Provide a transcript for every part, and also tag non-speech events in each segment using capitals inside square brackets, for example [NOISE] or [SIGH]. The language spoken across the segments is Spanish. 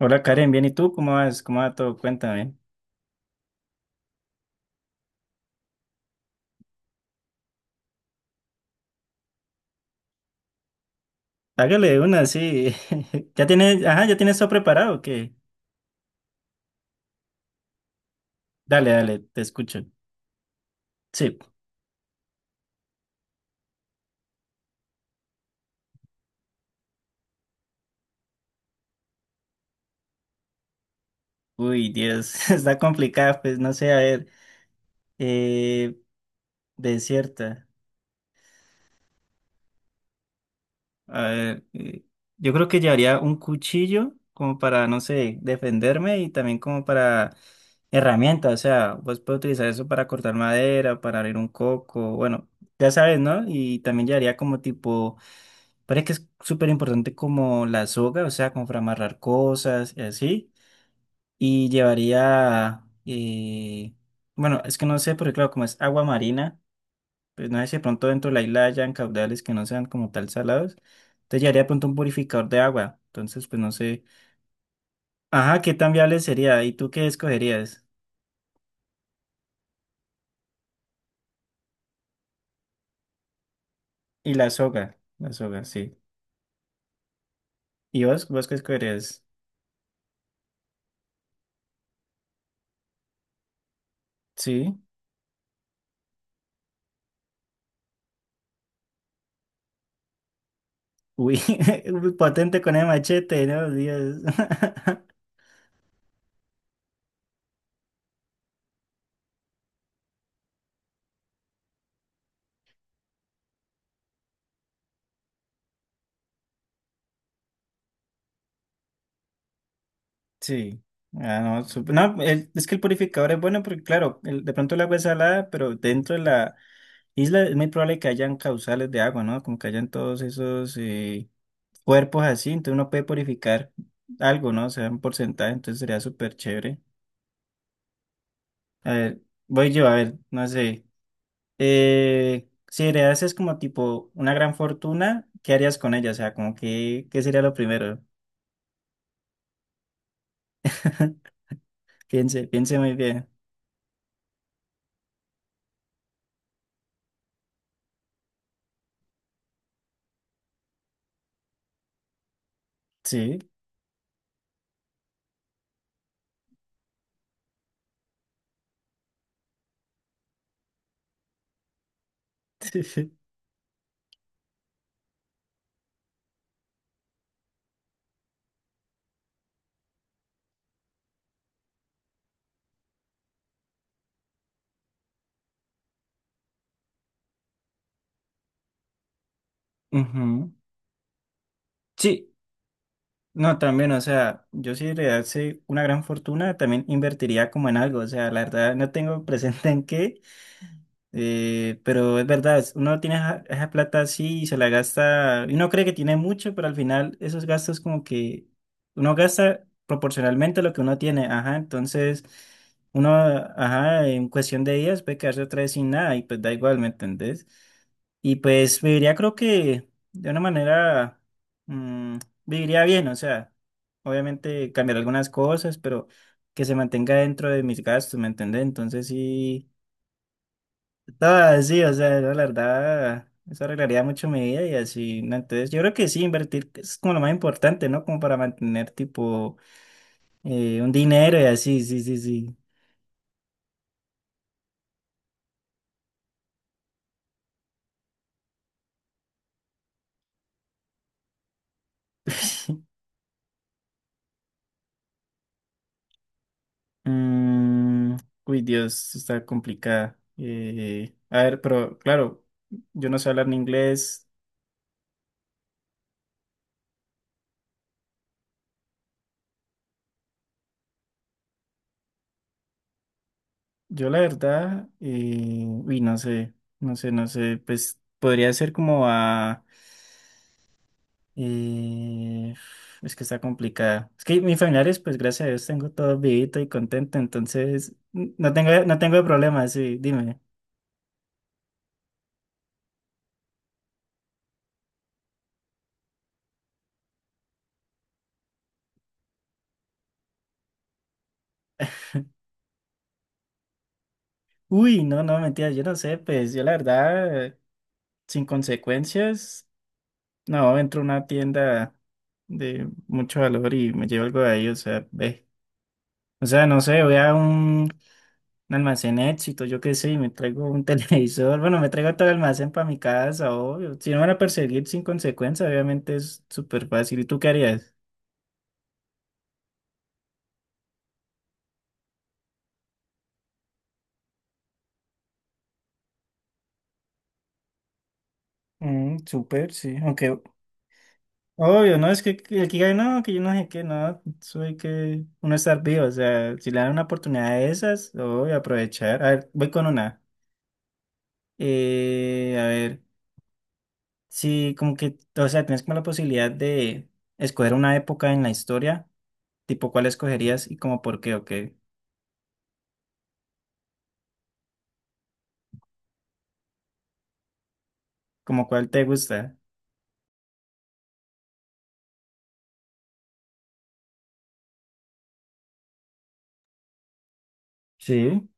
Hola Karen, bien, ¿y tú? ¿Cómo vas? ¿Cómo va todo? Cuéntame. Hágale una, sí. [LAUGHS] ¿Ya tienes, ajá, ya tienes todo preparado? ¿O qué? Dale, dale, te escucho. Sí. Uy, Dios, [LAUGHS] está complicada, pues no sé, a ver. Eh, desierta. A ver, yo creo que llevaría un cuchillo como para, no sé, defenderme y también como para herramienta, o sea, vos puedes utilizar eso para cortar madera, para abrir un coco, bueno, ya sabes, ¿no? Y también llevaría como tipo. Parece que es súper importante como la soga, o sea, como para amarrar cosas y así. Y llevaría, bueno, es que no sé, porque claro, como es agua marina, pues no sé si de pronto dentro de la isla hayan caudales que no sean como tal salados. Entonces llevaría de pronto un purificador de agua. Entonces, pues no sé. Ajá, ¿qué tan viable sería? ¿Y tú qué escogerías? Y la soga, sí. ¿Y vos? ¿Vos qué escogerías? Sí. Uy, [LAUGHS] potente con el machete, ¿no? Dios. [LAUGHS] Sí. Ah, no, sup- no, el- es que el purificador es bueno porque, claro, el- de pronto el agua es salada, pero dentro de la isla es muy probable que hayan causales de agua, ¿no? Como que hayan todos esos cuerpos así, entonces uno puede purificar algo, ¿no? O sea, un porcentaje, entonces sería súper chévere. A ver, voy yo, a ver, no sé. Si heredases como tipo una gran fortuna, ¿qué harías con ella? O sea, como que, ¿qué sería lo primero? [LAUGHS] Piense, piense muy bien. Sí. [LAUGHS] Ujú. Sí, no, también, o sea, yo si heredase una gran fortuna, también invertiría como en algo, o sea, la verdad no tengo [LAUGHS] presente en qué, pero es verdad, es- uno tiene esa, esa plata así y se la gasta, y uno cree que tiene mucho, pero al final esos gastos como que uno gasta proporcionalmente a lo que uno tiene, ajá, entonces uno, ajá, en cuestión de días puede quedarse otra vez sin nada y pues da igual, ¿me entendés? Y pues viviría creo que de una manera... mm, viviría bien, o sea, obviamente cambiar algunas cosas, pero que se mantenga dentro de mis gastos, ¿me entendés? Entonces sí, estaba sí, o sea, la verdad, eso arreglaría mucho mi vida y así, ¿no? Entonces yo creo que sí, invertir es como lo más importante, ¿no? Como para mantener tipo un dinero y así, sí, sí, sí. [LAUGHS] Mm, uy, Dios, está complicada. A ver, pero claro, yo no sé hablar ni inglés. Yo la verdad, uy, no sé, no sé, pues podría ser como a... eh, es que está complicada. Es que mis familiares, pues gracias a Dios, tengo todo vivito y contento, entonces n- no tengo, no tengo problemas, sí, dime. Uy, no, no, mentira, yo no sé, pues yo la verdad, sin consecuencias, no, entro a una tienda de mucho valor y me llevo algo de ahí, o sea, ve. O sea, no sé, voy a un almacén éxito, yo qué sé, y me traigo un [LAUGHS] televisor, bueno, me traigo todo el almacén para mi casa, obvio. Si no me van a perseguir sin consecuencia, obviamente es súper fácil. ¿Y tú qué harías? Mm, súper, sí. Aunque, obvio, no, es que el que hay, no, que yo no sé qué, no, soy que uno estar vivo, o sea, si le dan una oportunidad de esas, obvio aprovechar. A ver, voy con una. A ver, sí, como que, o sea, tienes como la posibilidad de escoger una época en la historia, tipo cuál escogerías y como por qué, ok. ¿Como cuál te gusta? Sí.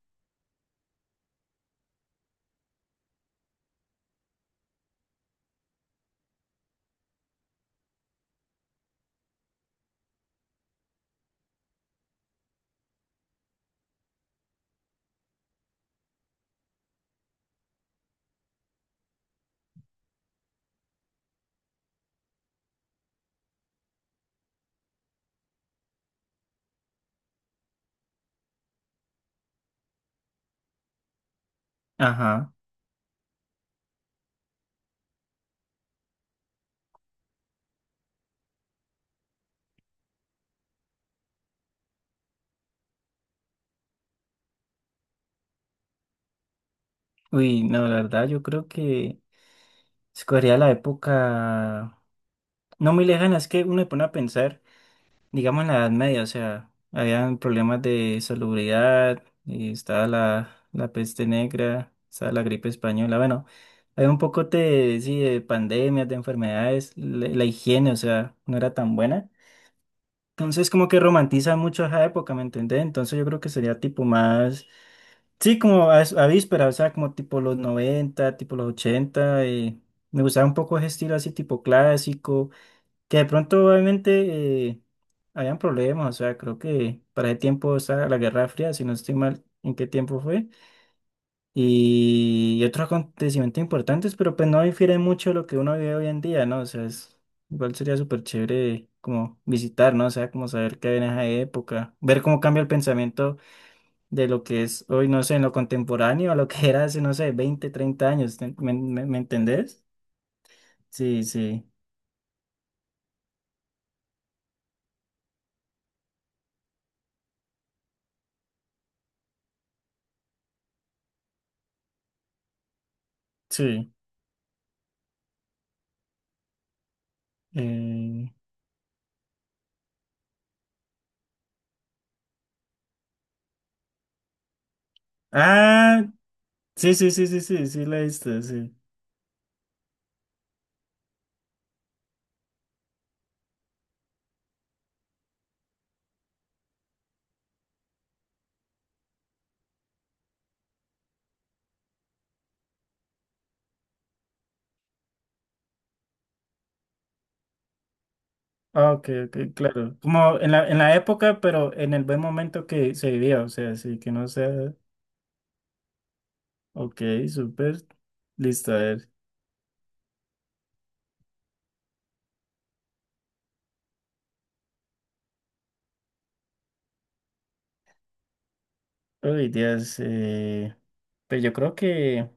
Ajá. Uy, no, la verdad, yo creo que escogería la época no muy lejana, es que uno se pone a pensar, digamos en la Edad Media, o sea, habían problemas de salubridad, y estaba la peste negra, estaba la gripe española, bueno, había un poco de, sí, de pandemias, de enfermedades, la higiene, o sea, no era tan buena. Entonces como que romantiza mucho esa época, ¿me entendés? Entonces yo creo que sería tipo más, sí, como a víspera, o sea, como tipo los 90, tipo los 80. Me gustaba un poco ese estilo así tipo clásico, que de pronto obviamente habían problemas, o sea, creo que para ese tiempo, o sea, la Guerra Fría, si no estoy mal, ¿en qué tiempo fue? Y otros acontecimientos importantes, pero pues no difiere mucho de lo que uno vive hoy en día, ¿no? O sea, es, igual sería súper chévere como visitar, ¿no? O sea, como saber qué había en esa época, ver cómo cambia el pensamiento de lo que es hoy, no sé, en lo contemporáneo, a lo que era hace, no sé, 20 30 años, ¿te- me entendés? Sí, sí, sí. eh, ah, sí, sí, sí, sí, sí, sí, la he visto, sí. Ah, ok, ok, claro. Como en en la época, pero en el buen momento que se vivía, o sea, sí, que no sea. Ok, súper. Listo, a ver. Uy, Dios. Pues yo creo que.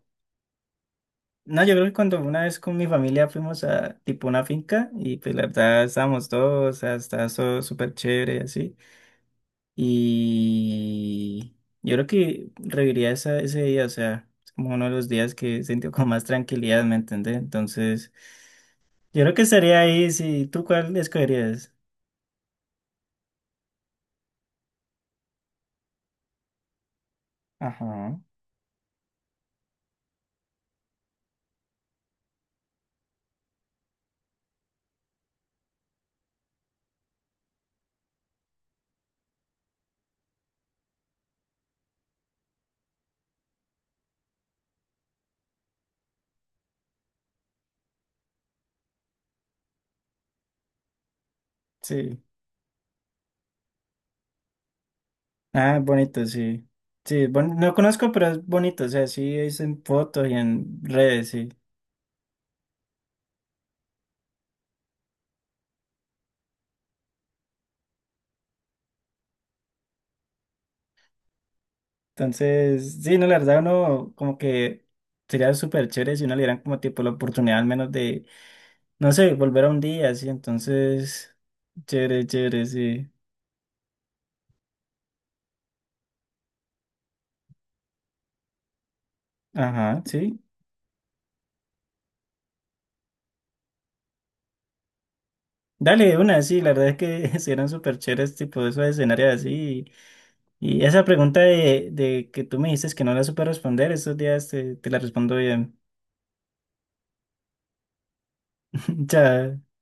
No, yo creo que cuando una vez con mi familia fuimos a tipo una finca y pues la verdad estábamos todos, o sea, estaba todo súper chévere y así. Y yo creo que reviviría esa, ese día, o sea, es como uno de los días que sentí con más tranquilidad, ¿me entendés? Entonces. Yo creo que estaría ahí, si ¿tú cuál escogerías? Ajá, sí. Ah, bonito, sí. Sí, bon- no conozco, pero es bonito, o sea, sí es en fotos y en redes, sí. Entonces, sí, no, la verdad, uno como que sería súper chévere si uno le dieran como tipo la oportunidad al menos de, no sé, volver a un día, así, entonces, chévere, chévere, sí. Ajá, sí. Dale, de una, sí, la verdad es que [LAUGHS] serían súper chéveres, tipo, esos escenarios así, y esa pregunta de que tú me dices que no la supe responder, estos días te la respondo bien. [LAUGHS] Ya,